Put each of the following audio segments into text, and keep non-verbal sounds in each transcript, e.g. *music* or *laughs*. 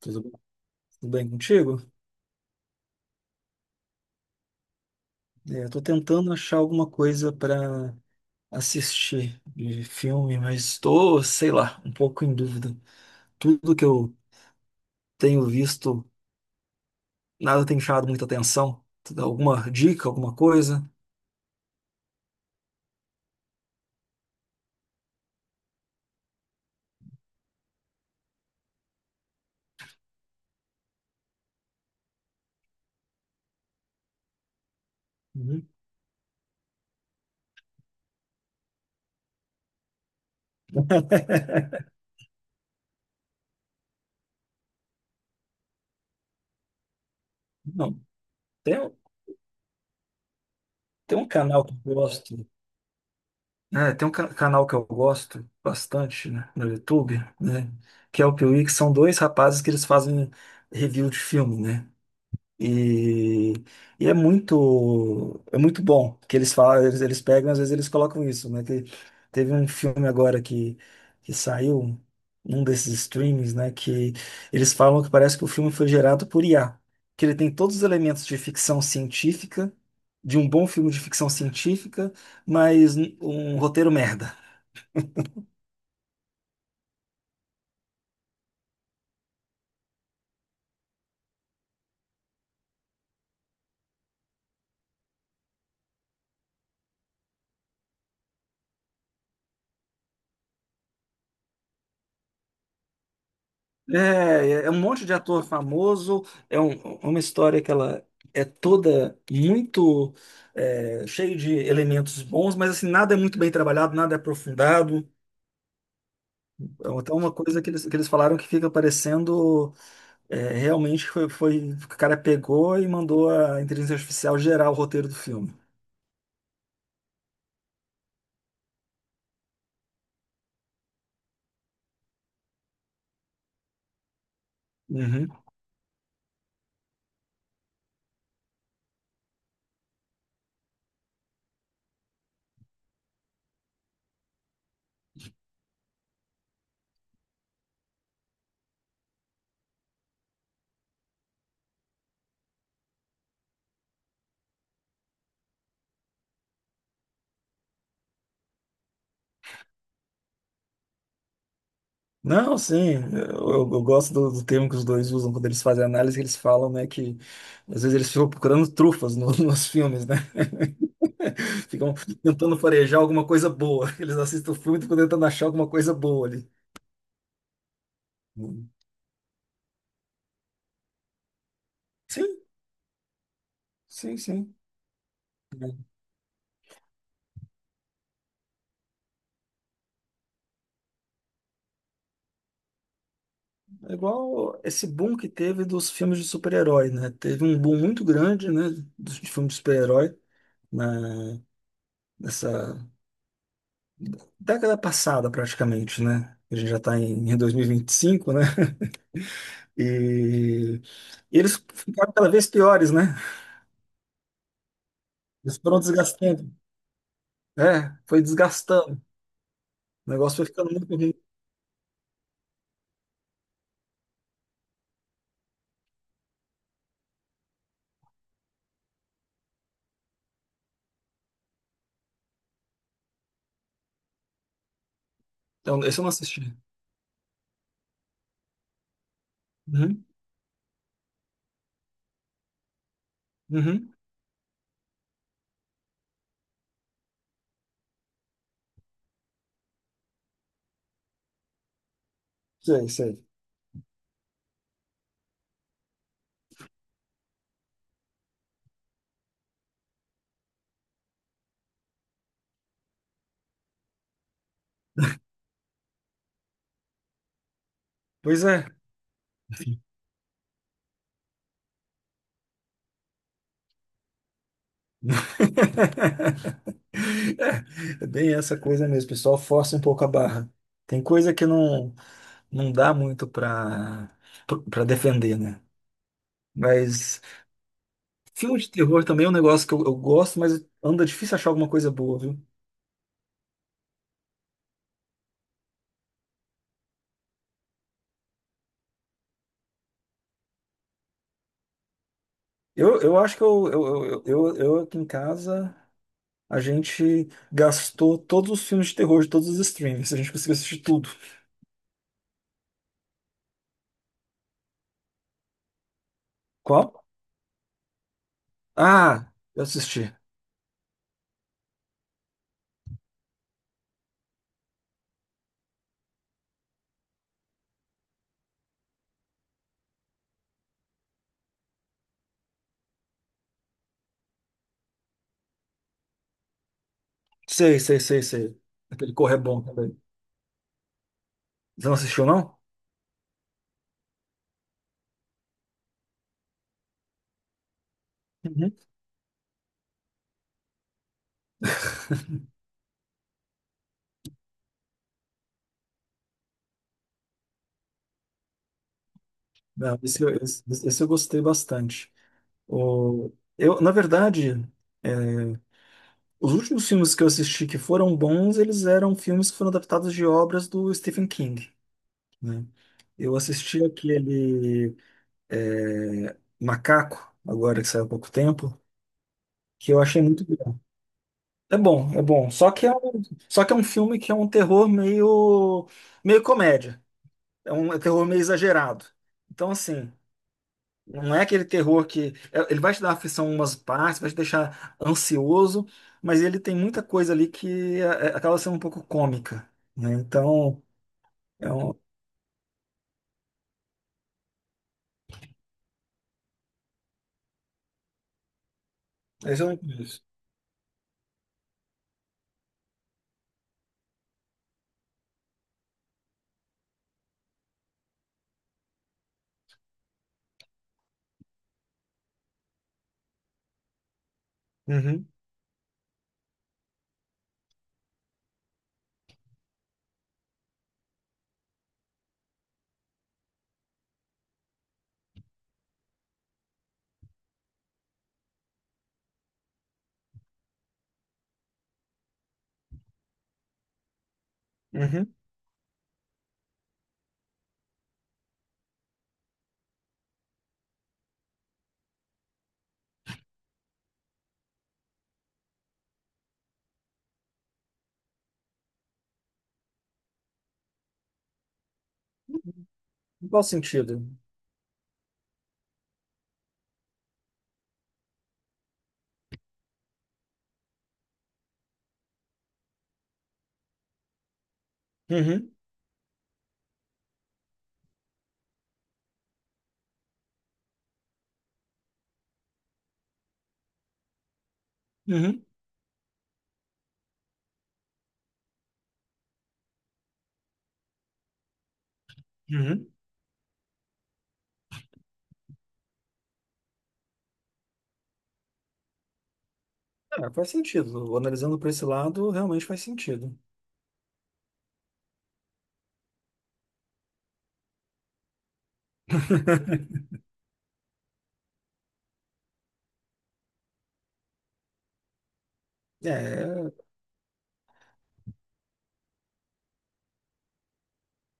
Tudo bem, tudo bem contigo? Eu tô tentando achar alguma coisa para assistir de filme, mas estou, sei lá, um pouco em dúvida. Tudo que eu tenho visto, nada tem chamado muita atenção. Tu dá alguma dica, alguma coisa? Uhum. *laughs* Não, tem, um- Tem um canal que eu gosto. É, tem um canal que eu gosto bastante, né, no YouTube, né? Que é o Piuí, que são dois rapazes que eles fazem review de filme, né? E, e é muito bom que eles falam, eles pegam, às vezes eles colocam isso, né? Que teve um filme agora que saiu, num desses streams, né? Que eles falam que parece que o filme foi gerado por IA, que ele tem todos os elementos de ficção científica, de um bom filme de ficção científica, mas um roteiro merda. É, é um monte de ator famoso, é é uma história que ela é toda muito cheia de elementos bons, mas assim, nada é muito bem trabalhado, nada é aprofundado. Então até uma coisa que que eles falaram que fica parecendo realmente foi, o cara pegou e mandou a inteligência artificial gerar o roteiro do filme. Uhum. Não, sim, eu gosto do, do termo que os dois usam quando eles fazem análise, eles falam, né, que às vezes eles ficam procurando trufas *laughs* nos filmes, né? *laughs* Ficam tentando farejar alguma coisa boa. *laughs* Eles assistem o filme e ficam tentando achar alguma coisa boa ali. Hum. Sim, sim, sim. É igual esse boom que teve dos filmes de super-herói, né? Teve um boom muito grande, né, dos de filmes de super-herói na nessa década passada, praticamente, né? A gente já está em 2025, né? E e eles ficaram cada vez piores, né? Eles foram desgastando. É, foi desgastando. O negócio foi ficando muito ruim. Então, esse eu não assisti. Uhum. Uhum. Sei, sei. Pois é. *laughs* É, é bem essa coisa mesmo, o pessoal. Força um pouco a barra. Tem coisa que não, não dá muito para defender, né? Mas filme de terror também é um negócio que eu gosto, mas anda difícil achar alguma coisa boa, viu? Eu acho que eu aqui em casa a gente gastou todos os filmes de terror de todos os streams. A gente conseguiu assistir tudo. Qual? Ah, eu assisti. Sei, sei, sei, sei. Aquele Corre é bom também. Você não assistiu, não? Uhum. Não, esse eu gostei bastante. O, eu, na verdade, os últimos filmes que eu assisti que foram bons, eles eram filmes que foram adaptados de obras do Stephen King, né? Eu assisti aquele Macaco, agora que saiu há pouco tempo, que eu achei muito bom. É bom, é bom. Só que é um filme que é um terror meio, meio comédia. É um é terror meio exagerado. Então, assim, não é aquele terror Ele vai te dar aflição em umas partes, vai te deixar ansioso, mas ele tem muita coisa ali que é- acaba sendo um pouco cômica, né? Então, é um. Esse eu não conheço. Uhum, uhum. Em qual sentido? Uhum, uhum, uhum. É, faz sentido. Analisando por esse lado, realmente faz sentido. É,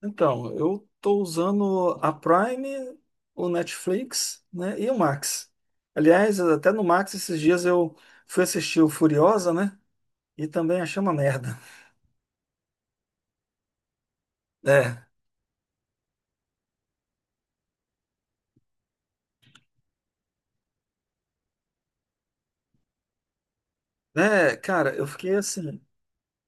então, eu estou usando a Prime, o Netflix, né, e o Max. Aliás, até no Max esses dias eu fui assistir o Furiosa, né? E também achei uma merda. *laughs* É, né, cara, eu fiquei assim,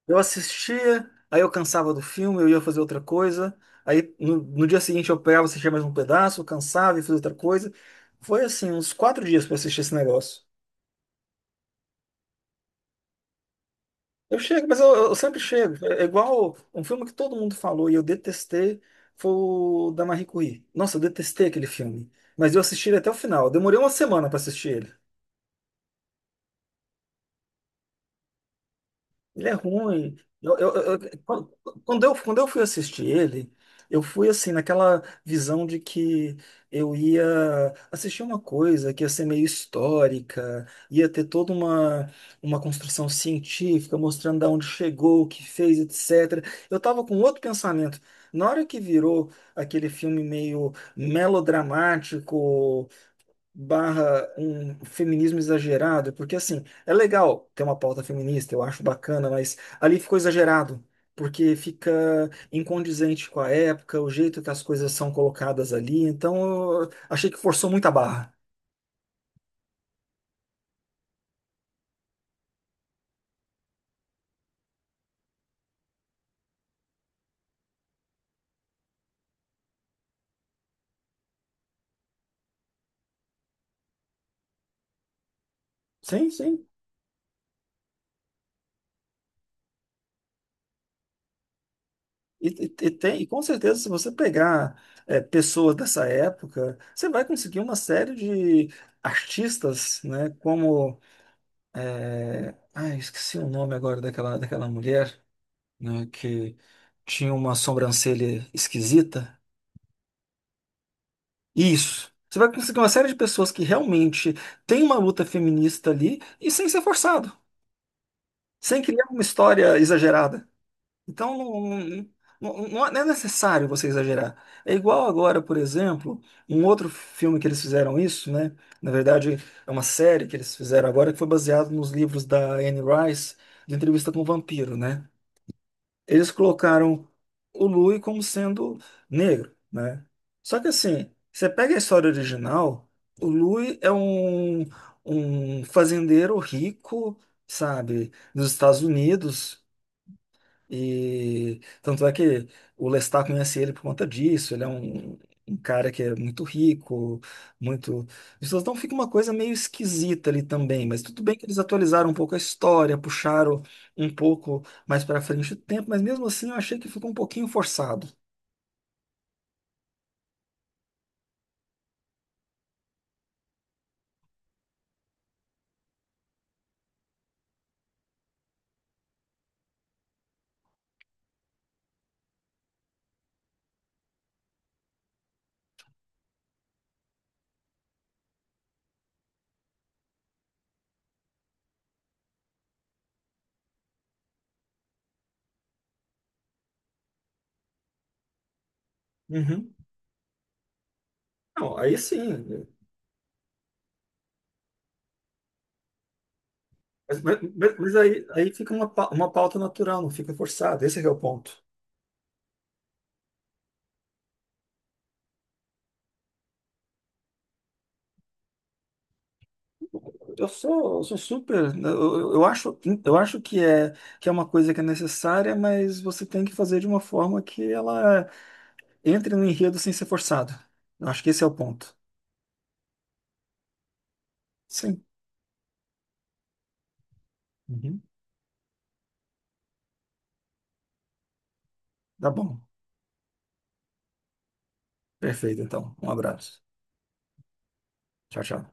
eu assistia, aí eu cansava do filme, eu ia fazer outra coisa, aí no dia seguinte eu pegava, assistia mais um pedaço, eu cansava e fazia outra coisa. Foi assim, uns quatro dias para assistir esse negócio. Eu chego, mas eu sempre chego. É igual um filme que todo mundo falou e eu detestei, foi o da Marie Curie. Nossa, eu detestei aquele filme. Mas eu assisti ele até o final. Eu demorei uma semana para assistir ele. Ele é ruim. Eu, eu- eu- eu- quando Quando eu, quando eu fui assistir ele, eu fui assim, naquela visão de que eu ia assistir uma coisa que ia ser meio histórica, ia ter toda uma construção científica mostrando de onde chegou, o que fez, etc. Eu estava com outro pensamento. Na hora que virou aquele filme meio melodramático, barra um feminismo exagerado, porque assim, é legal ter uma pauta feminista, eu acho bacana, mas ali ficou exagerado, porque fica incondizente com a época, o jeito que as coisas são colocadas ali, então eu achei que forçou muito a barra. Sim, sim. E, e tem, e com certeza, se você pegar pessoas dessa época, você vai conseguir uma série de artistas, né? Como. É, ai, esqueci o nome agora daquela, daquela mulher. Né, que tinha uma sobrancelha esquisita. Isso. Você vai conseguir uma série de pessoas que realmente tem uma luta feminista ali e sem ser forçado, sem criar uma história exagerada. Então, não, não é necessário você exagerar. É igual agora, por exemplo, um outro filme que eles fizeram isso, né? Na verdade, é uma série que eles fizeram agora que foi baseado nos livros da Anne Rice, de Entrevista com o Vampiro, né? Eles colocaram o Louis como sendo negro, né? Só que assim, você pega a história original, o Louis é um, um fazendeiro rico, sabe, dos Estados Unidos. E tanto é que o Lestat conhece ele por conta disso. Ele é um, um cara que é muito rico, muito. Então fica uma coisa meio esquisita ali também, mas tudo bem que eles atualizaram um pouco a história, puxaram um pouco mais para frente o tempo, mas mesmo assim eu achei que ficou um pouquinho forçado. Uhum. Não, aí sim. Mas, mas- mas aí, aí fica uma, uma pauta natural, não fica forçado. Esse é que é o ponto. Eu sou super. Né, eu acho que é uma coisa que é necessária, mas você tem que fazer de uma forma que ela entre no enredo sem ser forçado. Eu acho que esse é o ponto. Sim. Uhum. Tá bom. Perfeito, então. Um abraço. Tchau, tchau.